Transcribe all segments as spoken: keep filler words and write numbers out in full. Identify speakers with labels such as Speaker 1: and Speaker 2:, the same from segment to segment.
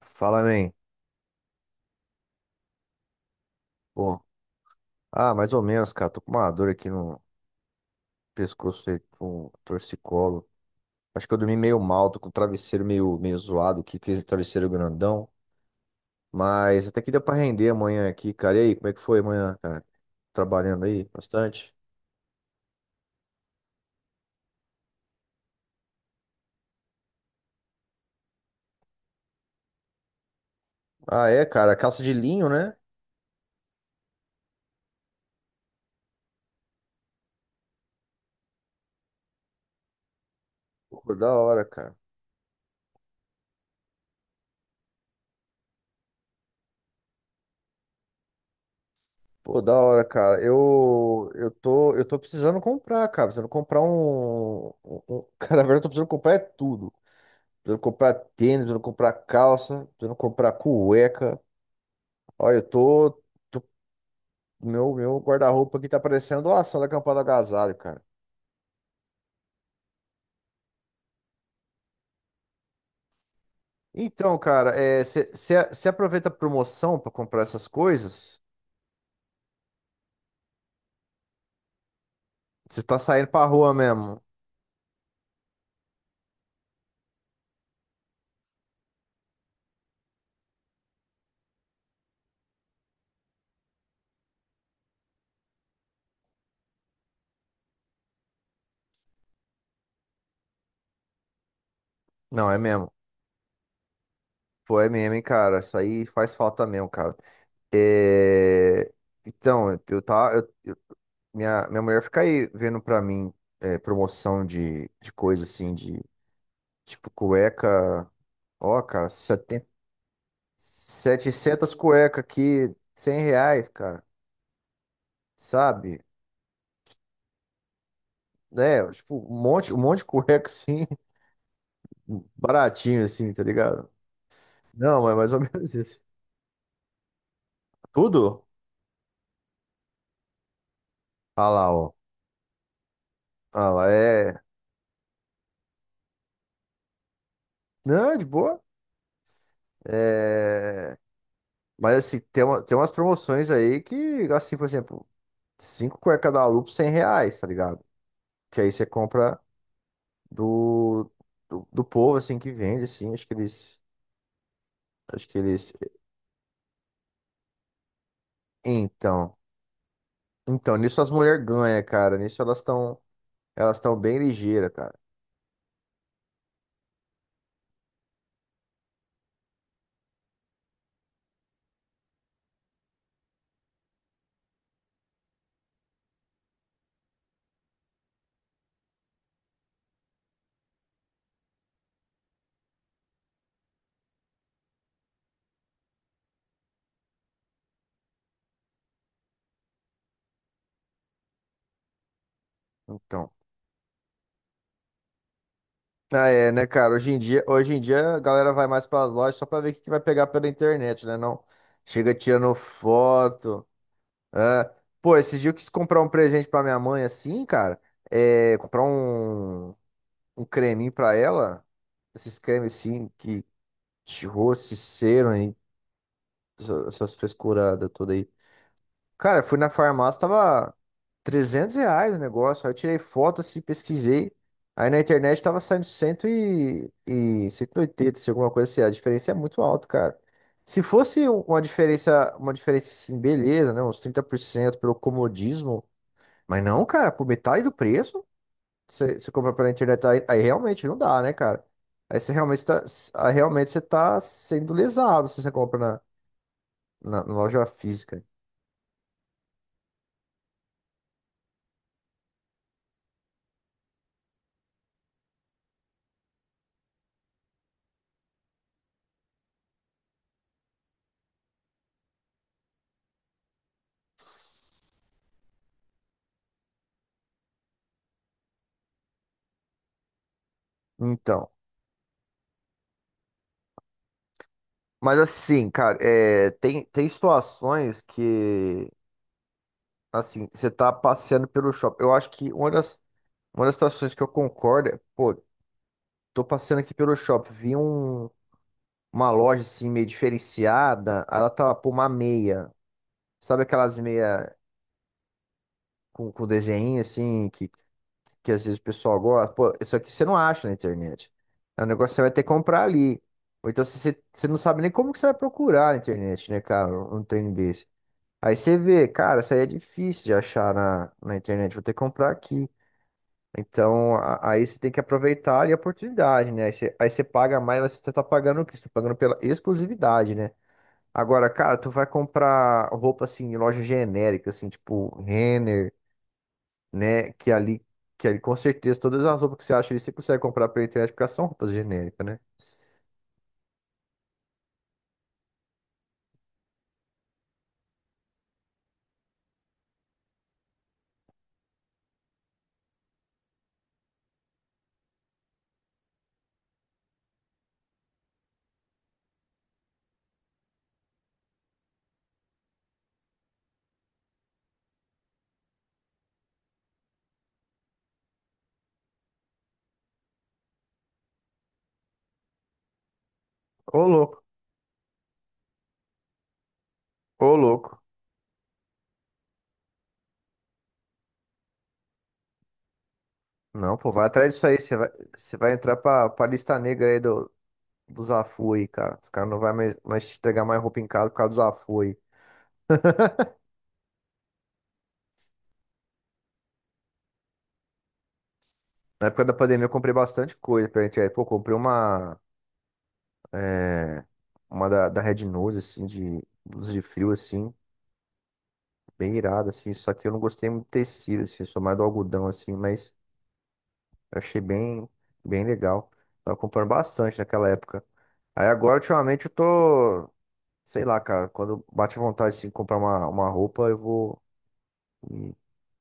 Speaker 1: Fala, man. Pô, ah, Mais ou menos, cara. Tô com uma dor aqui no pescoço aí com torcicolo. Acho que eu dormi meio mal, tô com o travesseiro meio, meio zoado aqui, que esse travesseiro grandão. Mas até que deu pra render amanhã aqui, cara. E aí, como é que foi amanhã, cara? Trabalhando aí bastante? Ah, é, cara. Calça de linho, né? Pô, da hora, cara. Pô, da hora, cara. Eu, eu tô, eu tô precisando comprar, cara. Precisando comprar um, um... um- Cara, na verdade, eu tô precisando comprar é tudo. Precisando comprar tênis, precisando comprar calça, precisando comprar cueca. Olha, eu tô, tô- meu, meu guarda-roupa aqui tá parecendo doação da campanha do Agasalho, cara. Então, cara, você aproveita a promoção pra comprar essas coisas? Você tá saindo pra rua mesmo? Não, é mesmo. Pô, é mesmo, hein, cara. Isso aí faz falta mesmo, cara. É. Então, eu tá, eu- minha, minha mulher fica aí vendo pra mim é, promoção de, de coisa assim, de tipo cueca. Ó, cara, R$ setecentas cueca aqui, cem reais, cara, sabe? Né? Tipo, um monte, um monte de cueca assim, baratinho assim, tá ligado? Não, mas mais ou menos isso. Tudo? Ah lá, ó. Ah lá, é. Não, é de boa. É. Mas assim, tem, uma, tem umas promoções aí que, assim, por exemplo, cinco cueca da Lupo, cem reais, tá ligado? Que aí você compra do, do, do povo, assim, que vende, assim, acho que eles. Acho que eles. Então. Então, nisso as mulheres ganham, cara. Nisso elas estão elas estão bem ligeiras, cara. Então. Ah, é, né, cara? Hoje em dia, hoje em dia a galera vai mais para as lojas só para ver o que que vai pegar pela internet, né? Não chega tirando foto. Ah. Pô, esses dias eu quis comprar um presente para minha mãe assim, cara. É, comprar um, um creminho para ela. Esses cremes assim, que de rosto, cera, hein? Essas essas frescuradas todas aí. Cara, fui na farmácia, tava trezentos reais o negócio. Aí eu tirei foto, assim, pesquisei. Aí na internet tava saindo cento e, e cento e oitenta, se alguma coisa assim. A diferença é muito alta, cara. Se fosse um- uma diferença, uma diferença assim, beleza, né? Uns trinta por cento pelo comodismo. Mas não, cara, por metade do preço, você você compra pela internet, aí, aí realmente não dá, né, cara? Aí você realmente tá, aí realmente você tá sendo lesado se você compra na, na na loja física. Então. Mas assim, cara, é, tem, tem situações que, assim, você tá passeando pelo shopping. Eu acho que uma das, uma das situações que eu concordo é, pô, tô passeando aqui pelo shopping, vi um, uma loja assim meio diferenciada, aí ela tava por uma meia. Sabe aquelas meia com, com desenho assim, que, que às vezes o pessoal gosta? Pô, isso aqui você não acha na internet. É um negócio que você vai ter que comprar ali. Ou então você, você você não sabe nem como que você vai procurar na internet, né, cara? Um um trem desse. Aí você vê, cara, isso aí é difícil de achar na, na internet, vou ter que comprar aqui. Então, a- aí você tem que aproveitar ali a oportunidade, né? Aí você, aí você paga mais, mas você tá pagando o quê? Você tá pagando pela exclusividade, né? Agora, cara, tu vai comprar roupa assim em loja genérica, assim, tipo Renner, né? Que ali, que ali com certeza todas as roupas que você acha ali, você consegue comprar pela internet, porque elas são roupas genéricas, né? Ô, louco, ô, louco. Não, pô, vai atrás disso aí. Você vai, você vai entrar pra, pra lista negra aí do, do Zafui, cara. Os caras não vai mais, mais te entregar mais roupa em casa por causa do Zafui. Na época da pandemia eu comprei bastante coisa pra gente. Aí, pô, comprei uma, é, uma da, da Red Nose, assim, de blusa de frio, assim, bem irada, assim. Só que eu não gostei muito do tecido, assim, eu sou mais do algodão, assim, mas eu achei bem, bem legal. Tava comprando bastante naquela época. Aí agora, ultimamente, eu tô, sei lá, cara, quando bate a vontade, assim, de comprar uma, uma roupa, eu vou.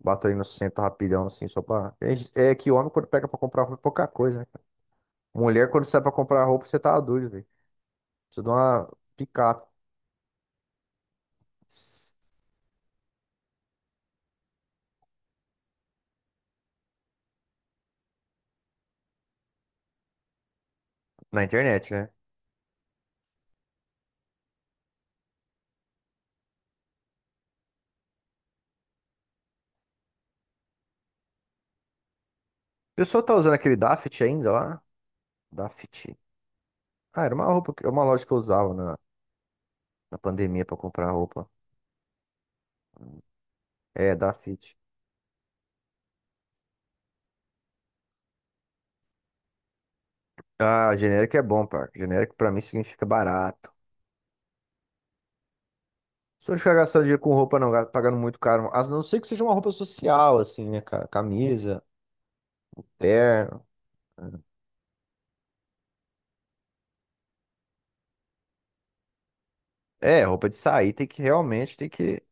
Speaker 1: Bato ali no centro rapidão, assim, só pra. É é que homem, quando pega pra comprar roupa, é pouca coisa, né, cara? Mulher, quando sai pra comprar roupa, você tá doido, velho. Precisa de uma picape na internet, né? O pessoal tá usando aquele Daft ainda lá? Daft. Ah, era uma roupa, que- uma loja que eu usava na, na pandemia pra comprar roupa. É, Daft. Ah, genérico é bom, par. Genérico pra mim significa barato. Se eu ficar gastando dinheiro com roupa, não, ga- pagando muito caro. A não ser que seja uma roupa social, assim, né, cara? Camisa, terno, né? É, roupa de sair tem que realmente tem que,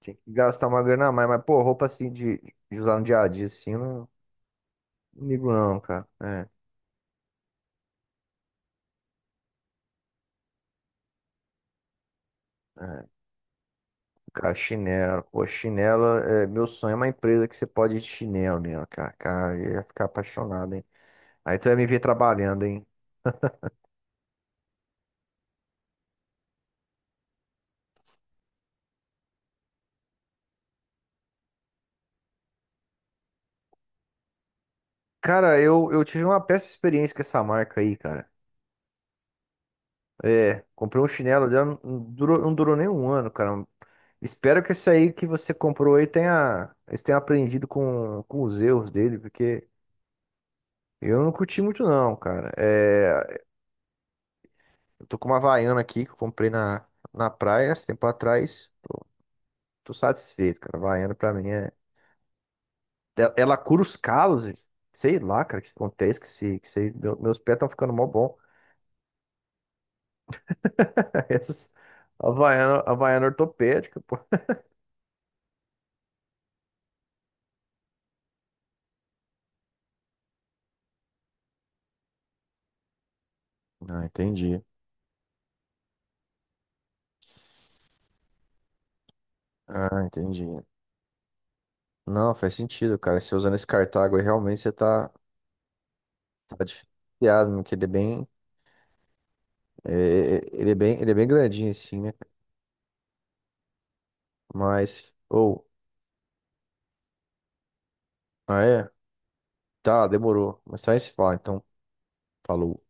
Speaker 1: tem que gastar uma grana a mais, mas pô, roupa assim de, de usar no dia a dia assim, eu não, não ligo não, cara. É, é. Cara, chinelo, pô, chinelo, é, meu sonho é uma empresa que você pode ir de chinelo nela, cara. Cara, eu ia ficar apaixonado, hein? Aí tu ia me ver trabalhando, hein? Cara, eu, eu tive uma péssima experiência com essa marca aí, cara. É, comprei um chinelo dela, não durou, não durou nem um ano, cara. Espero que esse aí que você comprou aí tenha, eles tenham aprendido com, com os erros dele, porque. Eu não curti muito não, cara. É, eu tô com uma Havaiana aqui que eu comprei na, na praia esse tempo atrás. Tô satisfeito, cara. Havaiana pra mim é. Ela ela cura os calos, gente. Sei lá, cara, o que acontece que se, que se- meu- meus pés estão ficando mó bom. Essas Havaiana, Havaiana ortopédica, pô. Ah, entendi. Ah, entendi. Não, faz sentido, cara. Se usando esse cartago aí, realmente você tá, tá diferenciado, né? Porque ele é bem, é, ele é bem, ele é bem grandinho assim, né? Mas, ou, ah, é? Tá, demorou. Mas só esse fala, então. Falou.